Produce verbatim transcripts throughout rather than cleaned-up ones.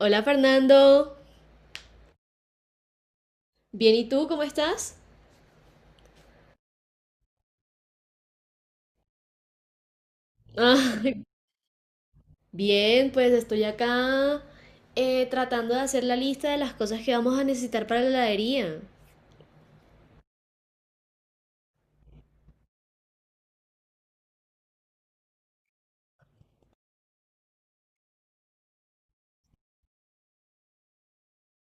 Hola Fernando, bien, ¿y tú cómo estás? Ah, bien, pues estoy acá eh, tratando de hacer la lista de las cosas que vamos a necesitar para la heladería.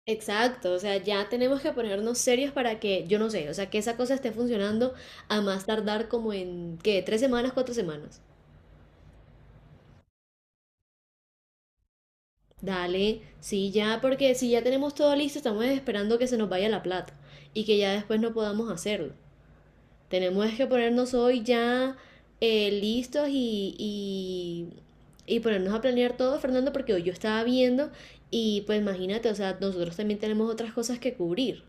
Exacto, o sea, ya tenemos que ponernos serios para que, yo no sé, o sea, que esa cosa esté funcionando a más tardar como en, ¿qué? ¿Tres semanas, cuatro semanas? Dale, sí, ya, porque si ya tenemos todo listo, estamos esperando que se nos vaya la plata y que ya después no podamos hacerlo. Tenemos que ponernos hoy ya eh, listos y, y, y ponernos a planear todo, Fernando, porque hoy yo estaba viendo y pues imagínate, o sea, nosotros también tenemos otras cosas que cubrir.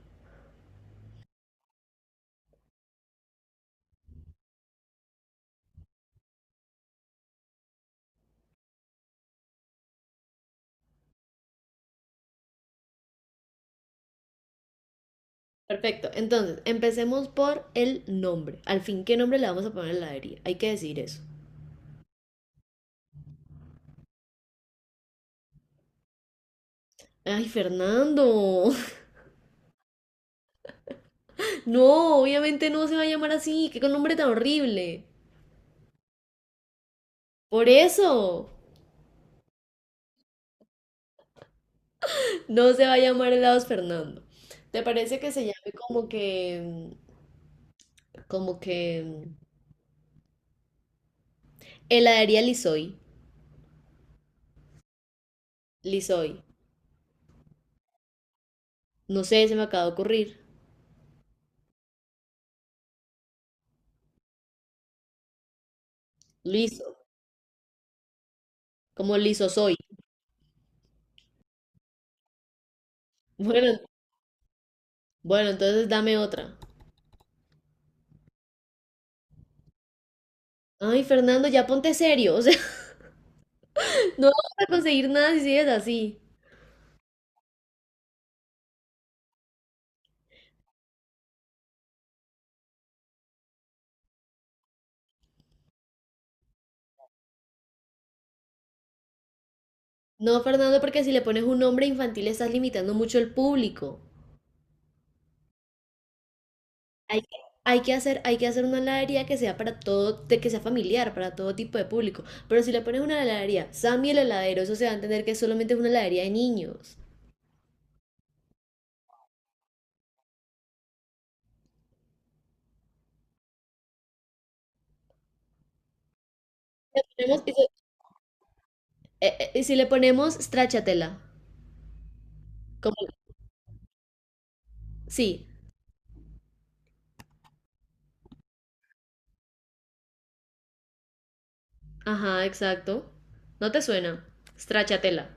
Perfecto, entonces empecemos por el nombre. Al fin, ¿qué nombre le vamos a poner a la heladería? Hay que decir eso. Ay, Fernando, no, obviamente no se va a llamar así, qué nombre tan horrible. Por eso, no se va a llamar helados Fernando. ¿Te parece que se llame como que Como que mm, heladería Lisoy. Lisoy. No sé, se me acaba de ocurrir. Liso. Como liso soy. Bueno, bueno, entonces dame otra. Ay, Fernando, ya ponte serio. O sea, no vamos a conseguir nada si sigues así. No, Fernando, porque si le pones un nombre infantil estás limitando mucho el público. Hay que, hay que hacer, hay que hacer una heladería que sea para todo, de que sea familiar, para todo tipo de público. Pero si le pones una heladería, Sammy el heladero, eso se va a entender que solamente es una heladería de niños. Tenemos- Eh, eh, y si le ponemos stracciatella, como, sí, ajá, exacto. ¿No te suena? Stracciatella.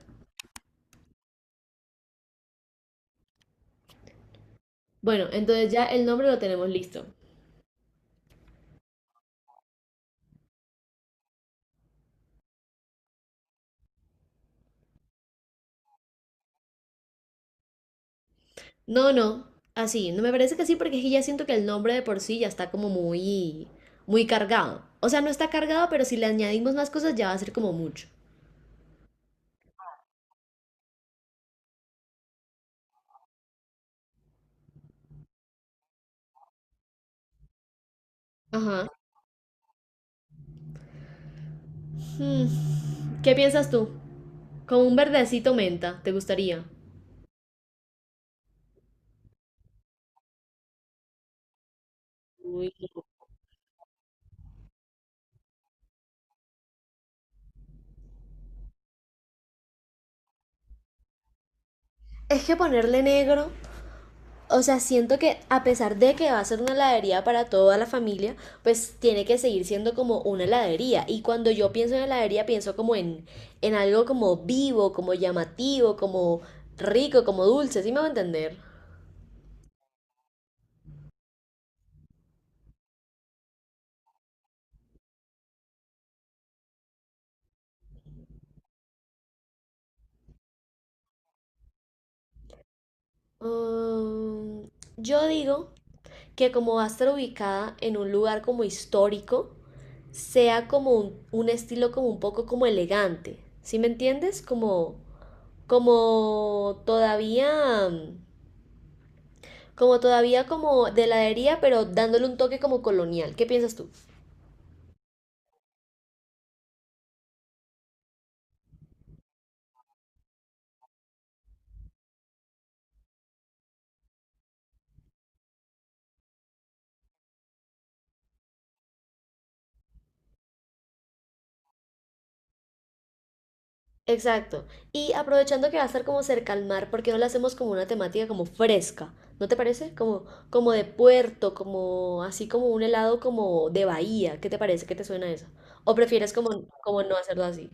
Bueno, entonces ya el nombre lo tenemos listo. No, no, así, no me parece que sí, porque es que ya siento que el nombre de por sí ya está como muy, muy cargado. O sea, no está cargado, pero si le añadimos más cosas ya va a ser como mucho. Ajá. Hmm, ¿qué piensas tú? Como un verdecito menta, ¿te gustaría? Es que ponerle negro o sea, siento que a pesar de que va a ser una heladería para toda la familia, pues tiene que seguir siendo como una heladería. Y cuando yo pienso en heladería, pienso como en, en algo como vivo, como llamativo, como rico, como dulce, ¿sí me va a entender? Mm, yo digo que como va a estar ubicada en un lugar como histórico, sea como un, un estilo como un poco como elegante, ¿sí me entiendes? Como, como todavía... mm, como todavía como de heladería, pero dándole un toque como colonial. ¿Qué piensas tú? Exacto. Y aprovechando que va a estar como cerca al mar, ¿por qué no la hacemos como una temática como fresca? ¿No te parece? Como, como de puerto, como así como un helado como de bahía. ¿Qué te parece? ¿Qué te suena eso? ¿O prefieres como, como no hacerlo así?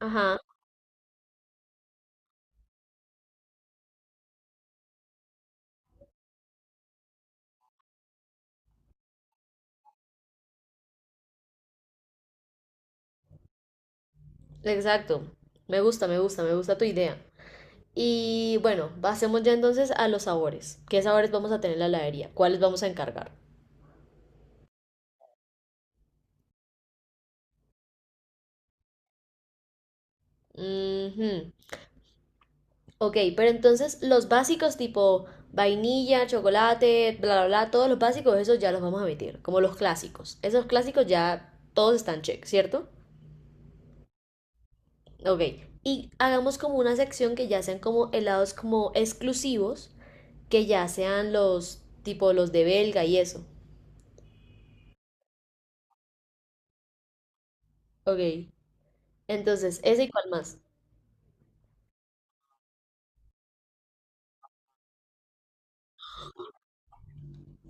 Ajá, exacto. Me gusta, me gusta, me gusta tu idea. Y bueno, pasemos ya entonces a los sabores. ¿Qué sabores vamos a tener en la heladería? ¿Cuáles vamos a encargar? Ujú. Ok, pero entonces los básicos tipo vainilla, chocolate, bla, bla, bla, todos los básicos, esos ya los vamos a omitir, como los clásicos. Esos clásicos ya todos están check, ¿cierto? Ok, y hagamos como una sección que ya sean como helados como exclusivos, que ya sean los tipo los de Belga y eso. Ok, entonces, ese y cuál más.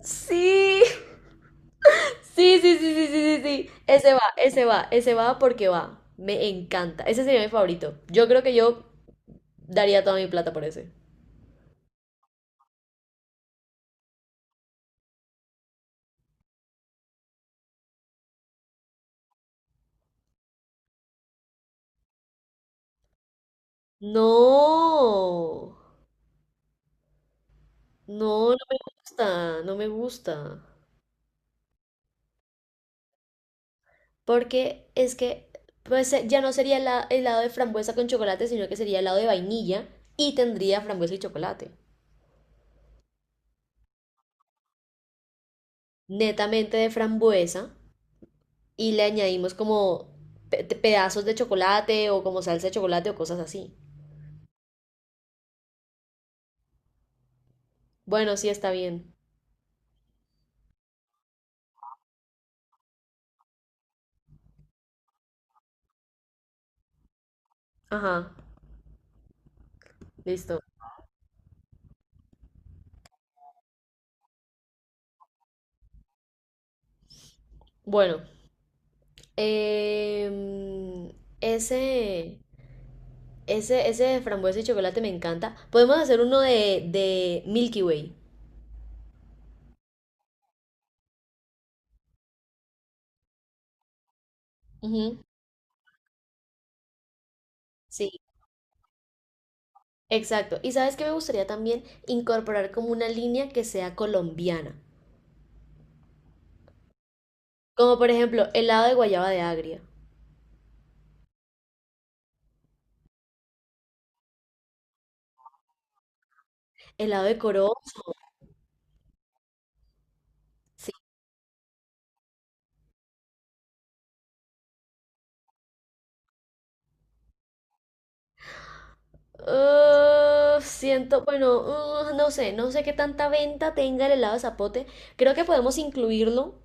Sí, sí, sí, sí, sí, sí, sí, sí. Ese va, ese va, ese va porque va. Me encanta. Ese sería mi favorito. Yo creo que yo daría toda mi plata por ese. No, no, no me gusta, no me gusta. Porque es que, pues eh, ya no sería hela- helado de frambuesa con chocolate, sino que sería helado de vainilla y tendría frambuesa y chocolate. Netamente de frambuesa y le añadimos como pe- te- pedazos de chocolate o como salsa de chocolate o cosas así. Bueno, sí está bien. Ajá, listo. Bueno, em, ese... Ese, ese de frambuesa y chocolate me encanta. Podemos hacer uno de, de Milky Way. Ujú, sí. Exacto. Y sabes qué me gustaría también incorporar como una línea que sea colombiana. Como por ejemplo, helado de guayaba de agria, helado de coro Sí. Ah, siento, bueno, ah, no sé, no sé qué tanta venta tenga el helado de zapote. Creo que podemos incluirlo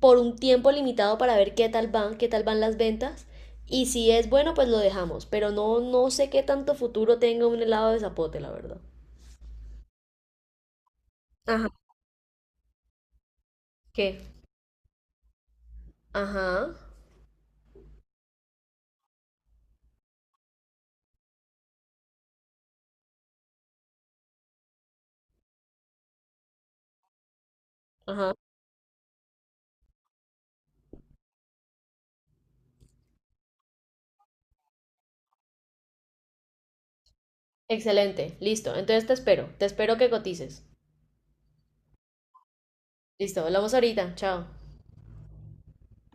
por un tiempo limitado para ver qué tal van, qué tal van las ventas. Y si es bueno, pues lo dejamos. Pero no, no sé qué tanto futuro tenga un helado de zapote, la verdad. Ajá. ¿Qué? Ajá, ajá. Excelente, listo. Entonces te espero, te espero que cotices. Listo, hablamos ahorita, chao.